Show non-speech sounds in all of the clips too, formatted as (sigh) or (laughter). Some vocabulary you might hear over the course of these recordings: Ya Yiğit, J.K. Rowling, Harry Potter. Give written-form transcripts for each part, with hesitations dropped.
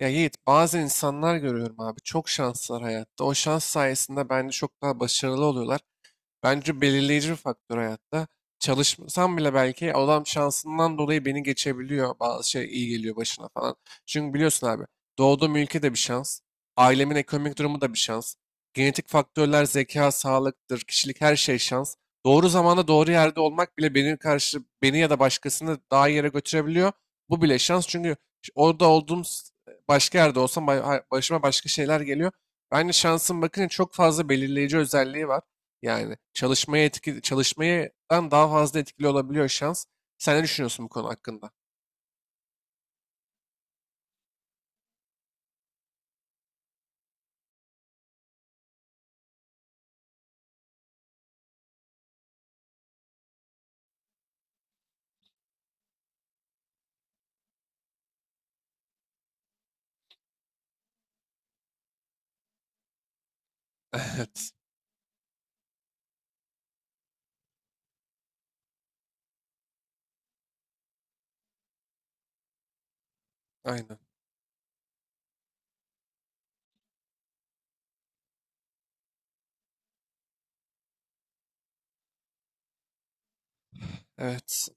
Ya Yiğit, bazı insanlar görüyorum abi çok şanslılar hayatta. O şans sayesinde bence çok daha başarılı oluyorlar. Bence belirleyici bir faktör hayatta. Çalışmasam bile belki adam şansından dolayı beni geçebiliyor. Bazı şey iyi geliyor başına falan. Çünkü biliyorsun abi doğduğum ülke de bir şans. Ailemin ekonomik durumu da bir şans. Genetik faktörler, zeka, sağlıktır, kişilik her şey şans. Doğru zamanda doğru yerde olmak bile beni karşı beni ya da başkasını daha iyi yere götürebiliyor. Bu bile şans çünkü orada olduğum başka yerde olsam başıma başka şeyler geliyor. Bence şansın bakın çok fazla belirleyici özelliği var. Yani çalışmaya etki, çalışmadan daha fazla etkili olabiliyor şans. Sen ne düşünüyorsun bu konu hakkında? (laughs) Evet. Aynen. Evet.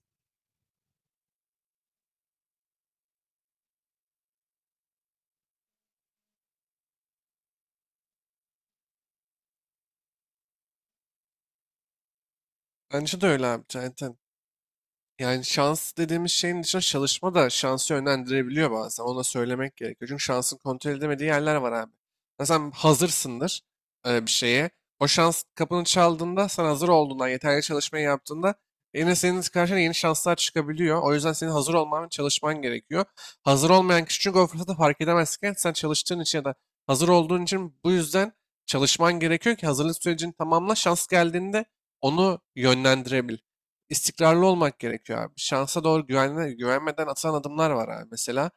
Bence de öyle abi. Aynen. Yani şans dediğimiz şeyin dışında çalışma da şansı yönlendirebiliyor bazen. Ona söylemek gerekiyor. Çünkü şansın kontrol edemediği yerler var abi. Mesela sen hazırsındır bir şeye. O şans kapını çaldığında sen hazır olduğundan, yeterli çalışmayı yaptığında yine senin karşına yeni şanslar çıkabiliyor. O yüzden senin hazır olman ve çalışman gerekiyor. Hazır olmayan kişi çünkü o fırsatı fark edemezken sen çalıştığın için ya da hazır olduğun için bu yüzden çalışman gerekiyor ki hazırlık sürecini tamamla. Şans geldiğinde onu yönlendirebil istikrarlı olmak gerekiyor abi. Şansa doğru güvenme, güvenmeden atılan adımlar var abi. Mesela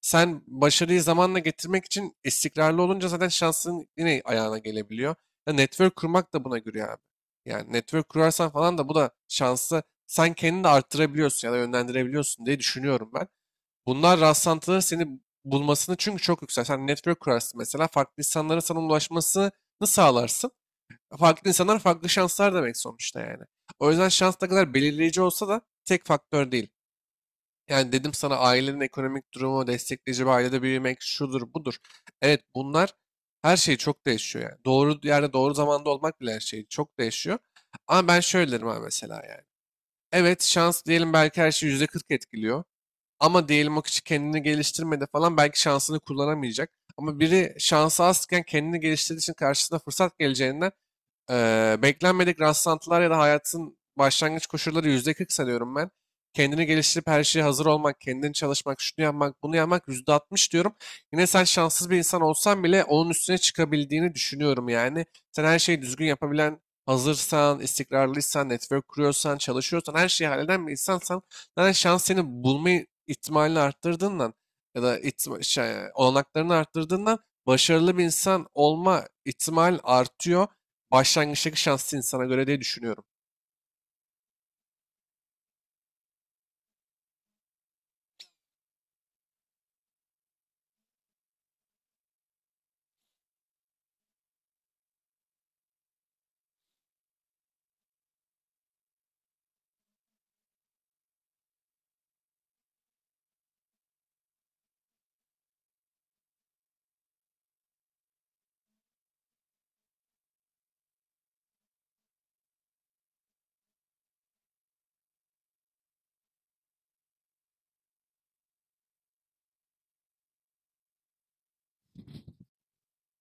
sen başarıyı zamanla getirmek için istikrarlı olunca zaten şansın yine ayağına gelebiliyor. Ya network kurmak da buna giriyor abi. Yani network kurarsan falan da bu da şansı sen kendini de arttırabiliyorsun ya da yönlendirebiliyorsun diye düşünüyorum ben. Bunlar rastlantıları seni bulmasını çünkü çok yüksek. Sen network kurarsın mesela farklı insanlara sana ulaşmasını sağlarsın. Farklı insanlar farklı şanslar demek sonuçta yani. O yüzden şans ne kadar belirleyici olsa da tek faktör değil. Yani dedim sana ailenin ekonomik durumu, destekleyici bir ailede büyümek şudur budur. Evet, bunlar her şey çok değişiyor yani. Doğru yerde doğru zamanda olmak bile her şey çok değişiyor. Ama ben şöyle derim abi mesela yani. Evet şans diyelim belki her şeyi %40 etkiliyor. Ama diyelim o kişi kendini geliştirmedi falan belki şansını kullanamayacak. Ama biri şansı azken kendini geliştirdiği için karşısına fırsat geleceğinden, beklenmedik rastlantılar ya da hayatın başlangıç koşulları %40 sanıyorum ben. Kendini geliştirip her şeye hazır olmak, kendini çalışmak, şunu yapmak, bunu yapmak %60 diyorum. Yine sen şanssız bir insan olsan bile onun üstüne çıkabildiğini düşünüyorum yani. Sen her şeyi düzgün yapabilen, hazırsan, istikrarlıysan, network kuruyorsan, çalışıyorsan, her şeyi halleden bir insansan zaten şans seni bulma ihtimalini arttırdığından ya da olanaklarını arttırdığından başarılı bir insan olma ihtimal artıyor başlangıçtaki şanslı insana göre diye düşünüyorum.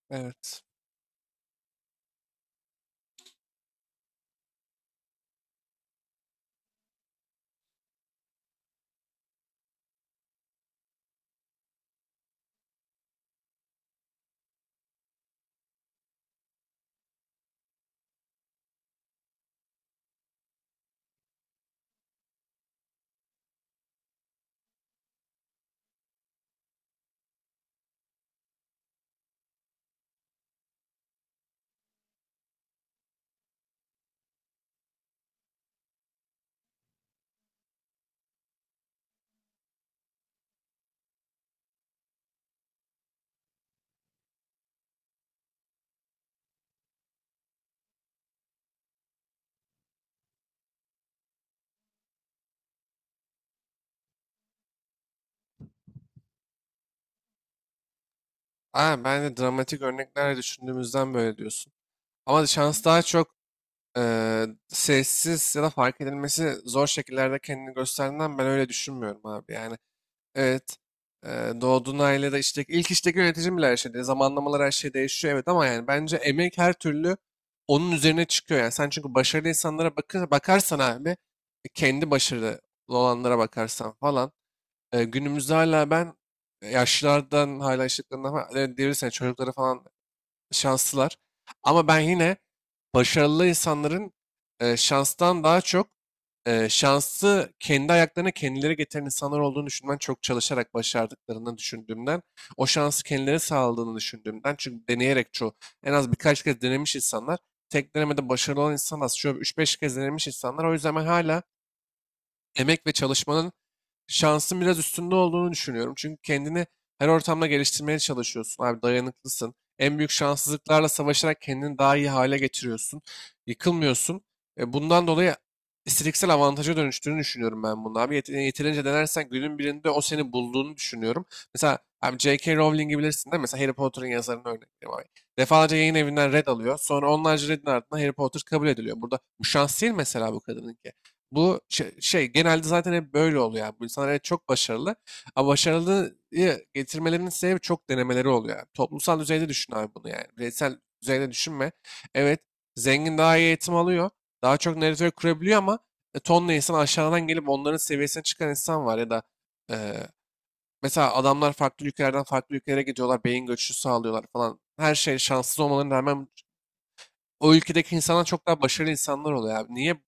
Evet. Aa, ben de dramatik örnekler düşündüğümüzden böyle diyorsun. Ama şans daha çok sessiz ya da fark edilmesi zor şekillerde kendini gösterdiğinden ben öyle düşünmüyorum abi. Yani evet, doğduğun ailede işte ilk işteki yöneticin bile her şey değişiyor. Zamanlamalar her şey değişiyor evet ama yani bence emek her türlü onun üzerine çıkıyor. Yani sen çünkü başarılı insanlara bakarsan abi, kendi başarılı olanlara bakarsan falan. Günümüzde hala ben yaşlılardan hala yaşlılarından falan diyebilirsin çocukları falan şanslılar. Ama ben yine başarılı insanların şanstan daha çok şansı kendi ayaklarına kendileri getiren insanlar olduğunu düşünmen, çok çalışarak başardıklarını düşündüğümden, o şansı kendileri sağladığını düşündüğümden, çünkü deneyerek çoğu en az birkaç kez denemiş insanlar, tek denemede başarılı olan insan az, şöyle üç beş kez denemiş insanlar. O yüzden ben hala emek ve çalışmanın şansın biraz üstünde olduğunu düşünüyorum. Çünkü kendini her ortamda geliştirmeye çalışıyorsun. Abi dayanıklısın. En büyük şanssızlıklarla savaşarak kendini daha iyi hale getiriyorsun. Yıkılmıyorsun. Bundan dolayı istatistiksel avantaja dönüştüğünü düşünüyorum ben bunu abi. Yeterince denersen günün birinde o seni bulduğunu düşünüyorum. Mesela abi J.K. Rowling'i bilirsin değil mi? Mesela Harry Potter'ın yazarını örnek vereyim abi. Defalarca yayın evinden red alıyor. Sonra onlarca redin ardından Harry Potter kabul ediliyor. Burada bu şans değil, mesela bu kadının bu genelde zaten hep böyle oluyor yani. Bu insanlar evet çok başarılı. Ama başarılıyı getirmelerinin sebebi çok denemeleri oluyor yani. Toplumsal düzeyde düşün abi bunu yani. Bireysel düzeyde düşünme. Evet, zengin daha iyi eğitim alıyor. Daha çok network kurabiliyor ama tonla insan aşağıdan gelip onların seviyesine çıkan insan var, ya da e, mesela adamlar farklı ülkelerden farklı ülkelere gidiyorlar. Beyin göçü sağlıyorlar falan. Her şey şanssız olmalarına rağmen o ülkedeki insanlar çok daha başarılı insanlar oluyor abi. Niye?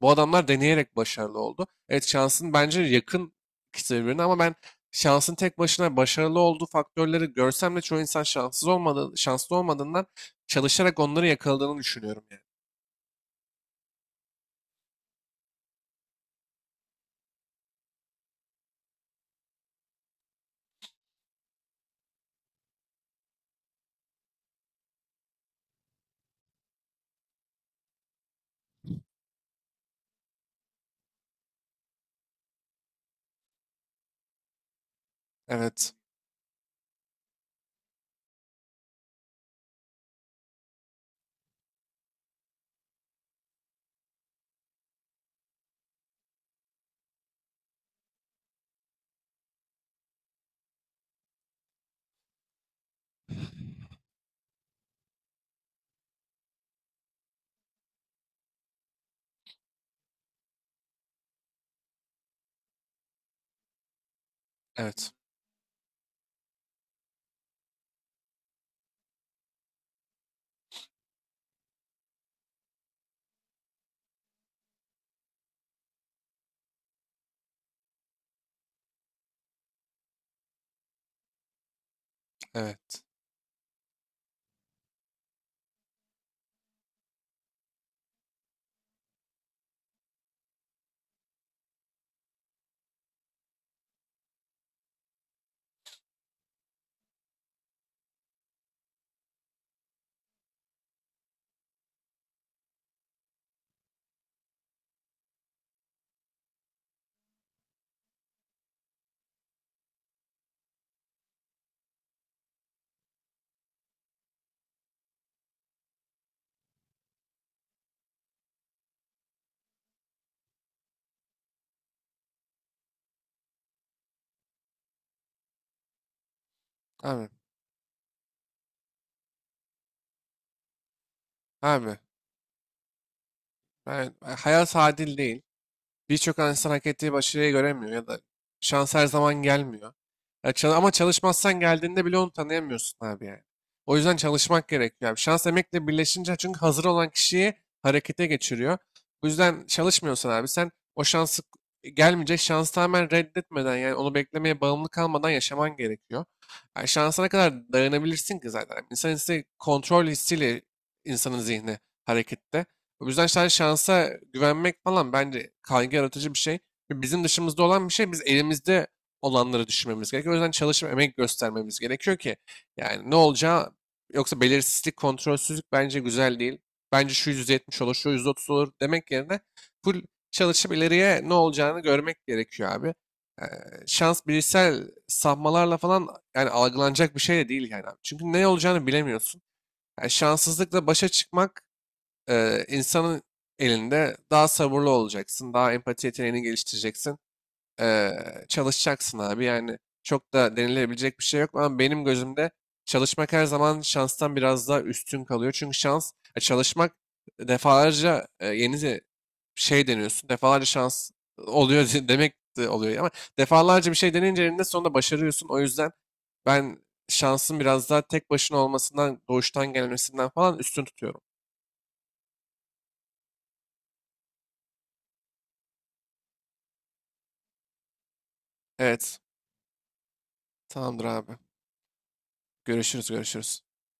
Bu adamlar deneyerek başarılı oldu. Evet, şansın bence yakın ikisi birbirine ama ben şansın tek başına başarılı olduğu faktörleri görsem de çoğu insan şanssız olmadığı, şanslı olmadığından çalışarak onları yakaladığını düşünüyorum yani. Evet, evet, evet. Abi, abi, ben, hayat adil değil. Birçok insan hak ettiği başarıyı göremiyor ya da şans her zaman gelmiyor. Ya ama çalışmazsan geldiğinde bile onu tanıyamıyorsun abi yani. O yüzden çalışmak gerekiyor abi. Şans emekle birleşince çünkü hazır olan kişiyi harekete geçiriyor. Bu yüzden çalışmıyorsan abi sen o şansı gelmeyecek şansı tamamen reddetmeden, yani onu beklemeye bağımlı kalmadan yaşaman gerekiyor. Yani şansa ne kadar dayanabilirsin ki zaten. İnsan hissi kontrol hissiyle insanın zihni harekette. O yüzden sen şansa güvenmek falan bence kaygı yaratıcı bir şey. Ve bizim dışımızda olan bir şey. Biz elimizde olanları düşünmemiz gerekiyor. O yüzden çalışıp emek göstermemiz gerekiyor ki yani ne olacağı, yoksa belirsizlik, kontrolsüzlük bence güzel değil. Bence şu %70 olur, şu %30 olur demek yerine full çalışıp ileriye ne olacağını görmek gerekiyor abi. Ee, Şans bilişsel sapmalarla falan yani algılanacak bir şey de değil yani abi. Çünkü ne olacağını bilemiyorsun. Yani şanssızlıkla başa çıkmak, insanın elinde daha sabırlı olacaksın, daha empati yeteneğini geliştireceksin, çalışacaksın abi. Yani çok da denilebilecek bir şey yok ama benim gözümde çalışmak her zaman şanstan biraz daha üstün kalıyor. Çünkü şans, çalışmak defalarca, yeni deniyorsun, defalarca şans oluyor (laughs) demek de oluyor ama defalarca bir şey deneyince eninde sonunda başarıyorsun. O yüzden ben şansın biraz daha tek başına olmasından, doğuştan gelmesinden falan üstün tutuyorum. Evet. Tamamdır abi. Görüşürüz, görüşürüz.